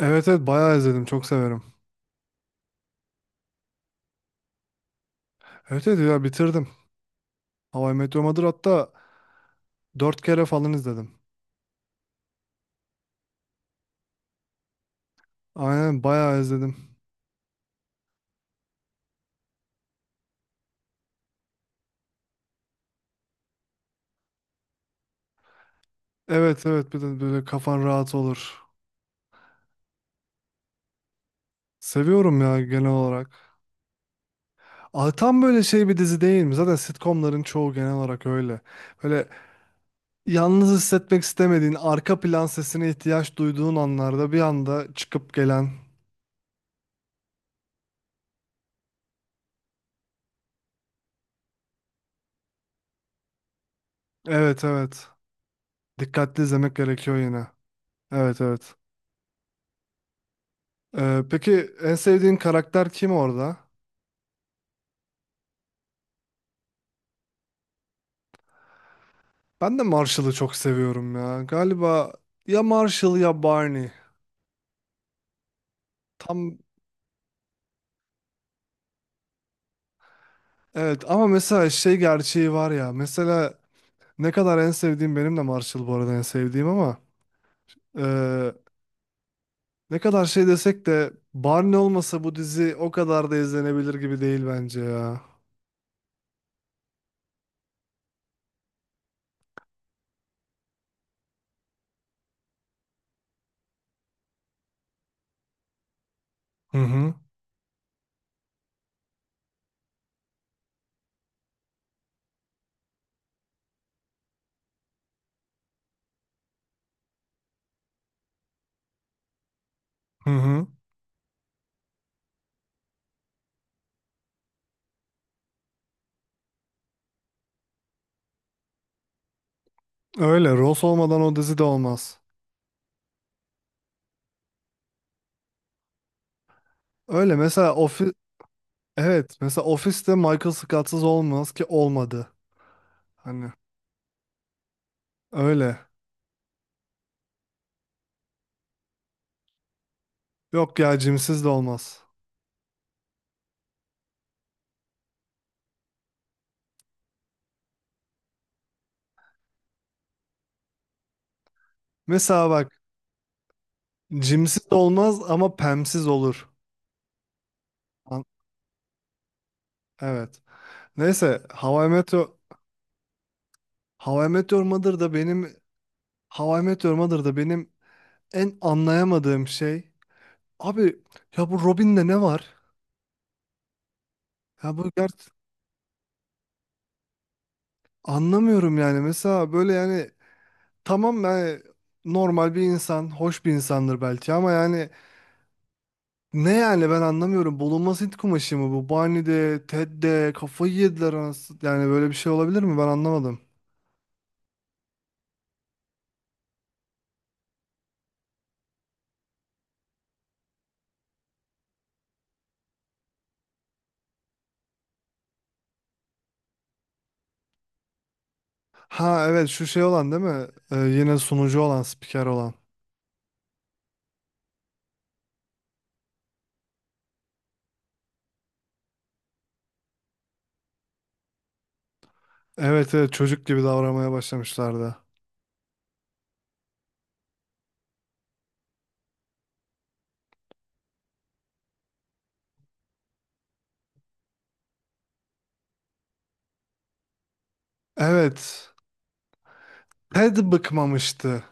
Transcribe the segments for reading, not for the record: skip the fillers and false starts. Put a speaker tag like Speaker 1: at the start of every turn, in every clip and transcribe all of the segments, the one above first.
Speaker 1: Evet evet bayağı izledim. Çok severim. Evet evet ya bitirdim. How I Met Your Mother hatta dört kere falan izledim. Aynen bayağı izledim. Evet evet bir de böyle kafan rahat olur. Seviyorum ya genel olarak. Aa, tam böyle şey bir dizi değil mi? Zaten sitcomların çoğu genel olarak öyle. Böyle yalnız hissetmek istemediğin, arka plan sesine ihtiyaç duyduğun anlarda bir anda çıkıp gelen. Evet evet. Dikkatli izlemek gerekiyor yine. Evet evet. Peki en sevdiğin karakter kim orada? Ben de Marshall'ı çok seviyorum ya. Galiba ya Marshall ya Barney. Tam evet ama mesela şey gerçeği var ya. Mesela ne kadar en sevdiğim benim de Marshall bu arada en sevdiğim ama eee, ne kadar şey desek de Barney olmasa bu dizi o kadar da izlenebilir gibi değil bence ya. Hı hı. Hı hı. Öyle Ross olmadan o dizi de olmaz. Öyle mesela evet, mesela Office'te Michael Scott'sız olmaz ki olmadı. Hani öyle. Yok ya Jim'siz de olmaz. Mesela bak cimsiz olmaz ama pemsiz olur. An- Evet. Neyse How I Met Your Mother da benim How I Met Your Mother da benim en anlayamadığım şey. Abi ya bu Robin'de ne var? Ya bu anlamıyorum yani. Mesela böyle yani tamam yani normal bir insan, hoş bir insandır belki ama yani ne yani ben anlamıyorum. Bulunmaz Hint kumaşı mı bu? Barney'de, Ted'de kafayı yediler anasını. Yani böyle bir şey olabilir mi? Ben anlamadım. Ha evet, şu şey olan değil mi? Yine sunucu olan, spiker olan. Evet evet çocuk gibi davranmaya başlamışlardı. Evet. Ted bıkmamıştı.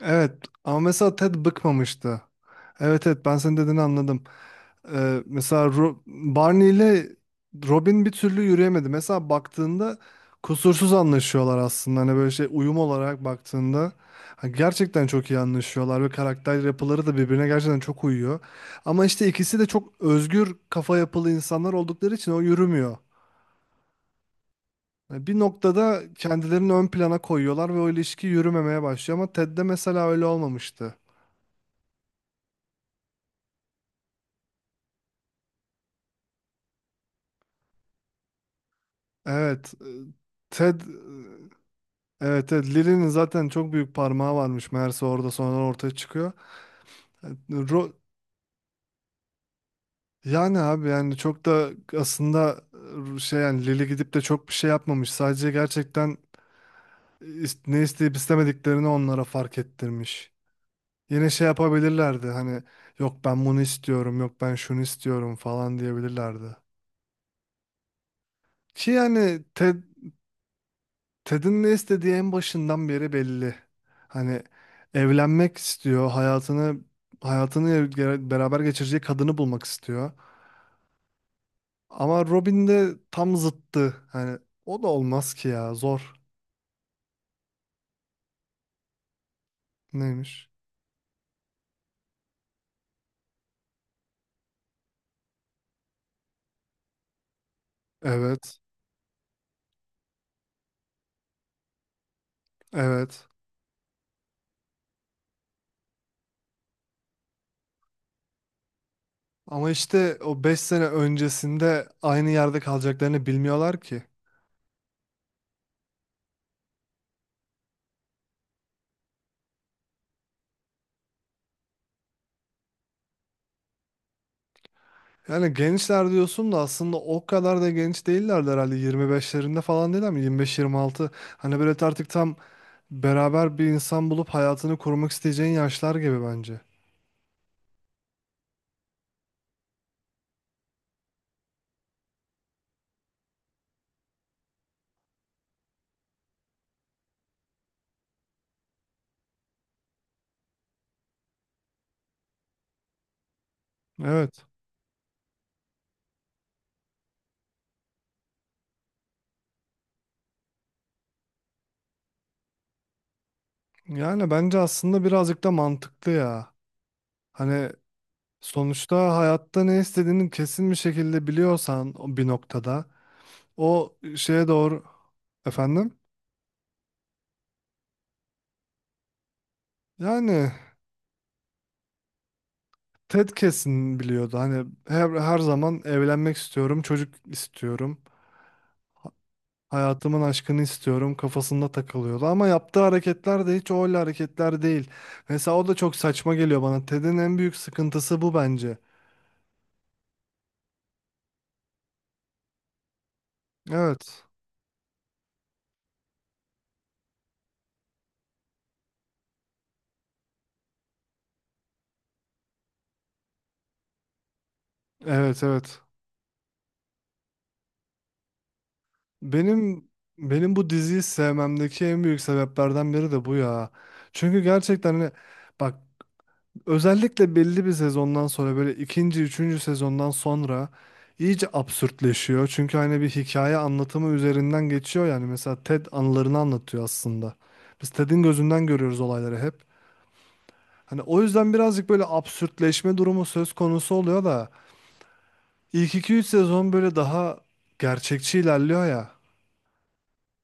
Speaker 1: Evet ama mesela Ted bıkmamıştı. Evet evet ben senin dediğini anladım. Mesela Barney ile Robin bir türlü yürüyemedi. Mesela baktığında kusursuz anlaşıyorlar aslında. Hani böyle şey uyum olarak baktığında ha, gerçekten çok iyi anlaşıyorlar ve karakter yapıları da birbirine gerçekten çok uyuyor. Ama işte ikisi de çok özgür kafa yapılı insanlar oldukları için o yürümüyor. Yani bir noktada kendilerini ön plana koyuyorlar ve o ilişki yürümemeye başlıyor ama Ted'de mesela öyle olmamıştı. Evet, e, Ted Evet, evet Lili'nin zaten çok büyük parmağı varmış meğerse orada sonradan ortaya çıkıyor. Ro- Yani abi, yani çok da aslında şey, yani Lili gidip de çok bir şey yapmamış. Sadece gerçekten ne isteyip istemediklerini onlara fark ettirmiş. Yine şey yapabilirlerdi, hani yok ben bunu istiyorum, yok ben şunu istiyorum falan diyebilirlerdi. Ki yani Ted Ted'in ne istediği en başından beri belli. Hani evlenmek istiyor, beraber geçireceği kadını bulmak istiyor. Ama Robin de tam zıttı. Hani o da olmaz ki ya, zor. Neymiş? Evet, evet. Ama işte o 5 sene öncesinde aynı yerde kalacaklarını bilmiyorlar ki. Yani gençler diyorsun da aslında o kadar da genç değillerdi herhalde, 25'lerinde falan değil mi? 25-26, hani böyle artık tam beraber bir insan bulup hayatını kurmak isteyeceğin yaşlar gibi bence. Evet. Yani bence aslında birazcık da mantıklı ya. Hani sonuçta hayatta ne istediğini kesin bir şekilde biliyorsan o bir noktada o şeye doğru efendim. Yani Ted kesin biliyordu. Hani her zaman evlenmek istiyorum, çocuk istiyorum. Hayatımın aşkını istiyorum kafasında takılıyordu ama yaptığı hareketler de hiç öyle hareketler değil. Mesela o da çok saçma geliyor bana. Ted'in en büyük sıkıntısı bu bence. Evet. Evet, evet. Benim benim bu diziyi sevmemdeki en büyük sebeplerden biri de bu ya. Çünkü gerçekten, hani bak, özellikle belli bir sezondan sonra, böyle ikinci, üçüncü sezondan sonra iyice absürtleşiyor. Çünkü hani bir hikaye anlatımı üzerinden geçiyor yani. Mesela Ted anılarını anlatıyor aslında. Biz Ted'in gözünden görüyoruz olayları hep. Hani o yüzden birazcık böyle absürtleşme durumu söz konusu oluyor da ilk iki üç sezon böyle daha gerçekçi ilerliyor ya.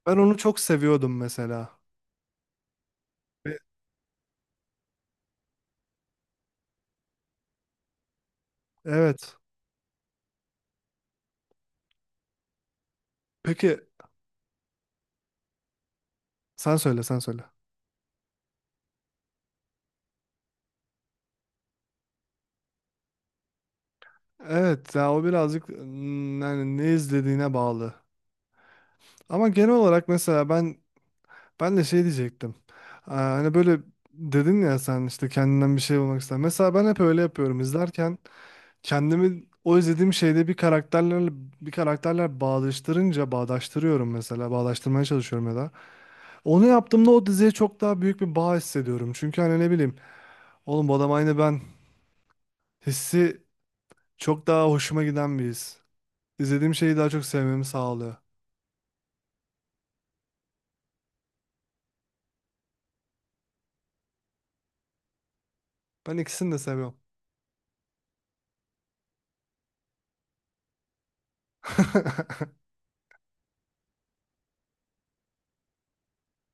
Speaker 1: Ben onu çok seviyordum mesela. Ve- Evet. Peki sen söyle, sen söyle. Evet ya, o birazcık yani ne izlediğine bağlı. Ama genel olarak mesela ben de şey diyecektim. Aa, hani böyle dedin ya, sen işte kendinden bir şey bulmak ister. Mesela ben hep öyle yapıyorum. İzlerken kendimi o izlediğim şeyde bir karakterlerle bir karakterler bağdaştırınca bağdaştırıyorum mesela. Bağdaştırmaya çalışıyorum ya da. Onu yaptığımda o diziye çok daha büyük bir bağ hissediyorum. Çünkü hani ne bileyim, oğlum bu adam aynı ben hissi çok daha hoşuma giden bir his. İzlediğim şeyi daha çok sevmemi sağlıyor. Ben ikisini de seviyorum.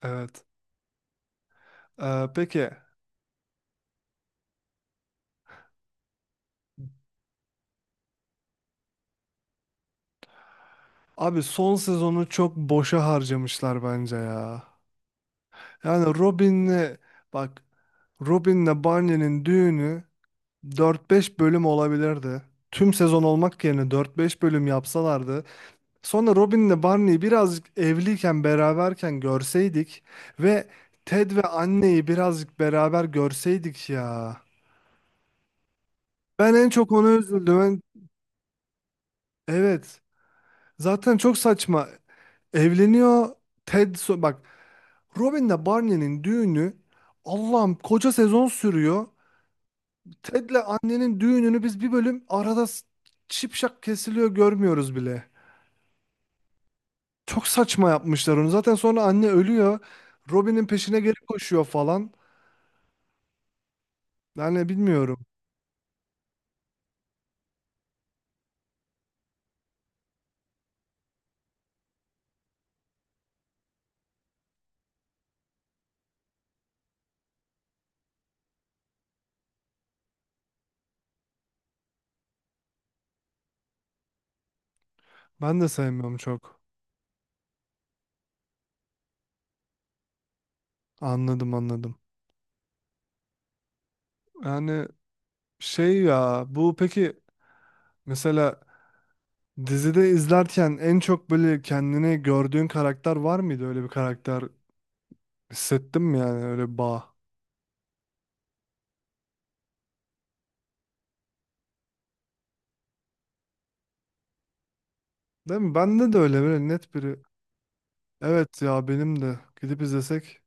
Speaker 1: Evet. Peki. Abi son sezonu çok boşa harcamışlar bence ya. Yani bak, Robin'le Barney'nin düğünü dört beş bölüm olabilirdi. Tüm sezon olmak yerine dört beş bölüm yapsalardı. Sonra Robin'le Barney'i birazcık evliyken beraberken görseydik ve Ted ve anneyi birazcık beraber görseydik ya. Ben en çok ona üzüldüm. Evet. Zaten çok saçma. Evleniyor Bak, Robin'le Barney'nin düğünü, Allah'ım, koca sezon sürüyor. Ted'le annenin düğününü biz bir bölüm arada şipşak kesiliyor, görmüyoruz bile. Çok saçma yapmışlar onu. Zaten sonra anne ölüyor. Robin'in peşine geri koşuyor falan. Yani bilmiyorum. Ben de sevmiyorum çok. Anladım, anladım. Yani şey ya, bu peki mesela dizide izlerken en çok böyle kendini gördüğün karakter var mıydı, öyle bir karakter? Hissettim yani öyle bir bağ. Değil mi? Bende de öyle, böyle net biri. Evet ya, benim de. Gidip izlesek.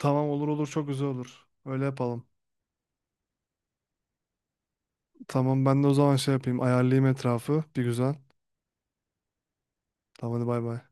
Speaker 1: Tamam, olur olur, çok güzel olur. Öyle yapalım. Tamam, ben de o zaman şey yapayım. Ayarlayayım etrafı. Bir güzel. Tamam, hadi bay bay.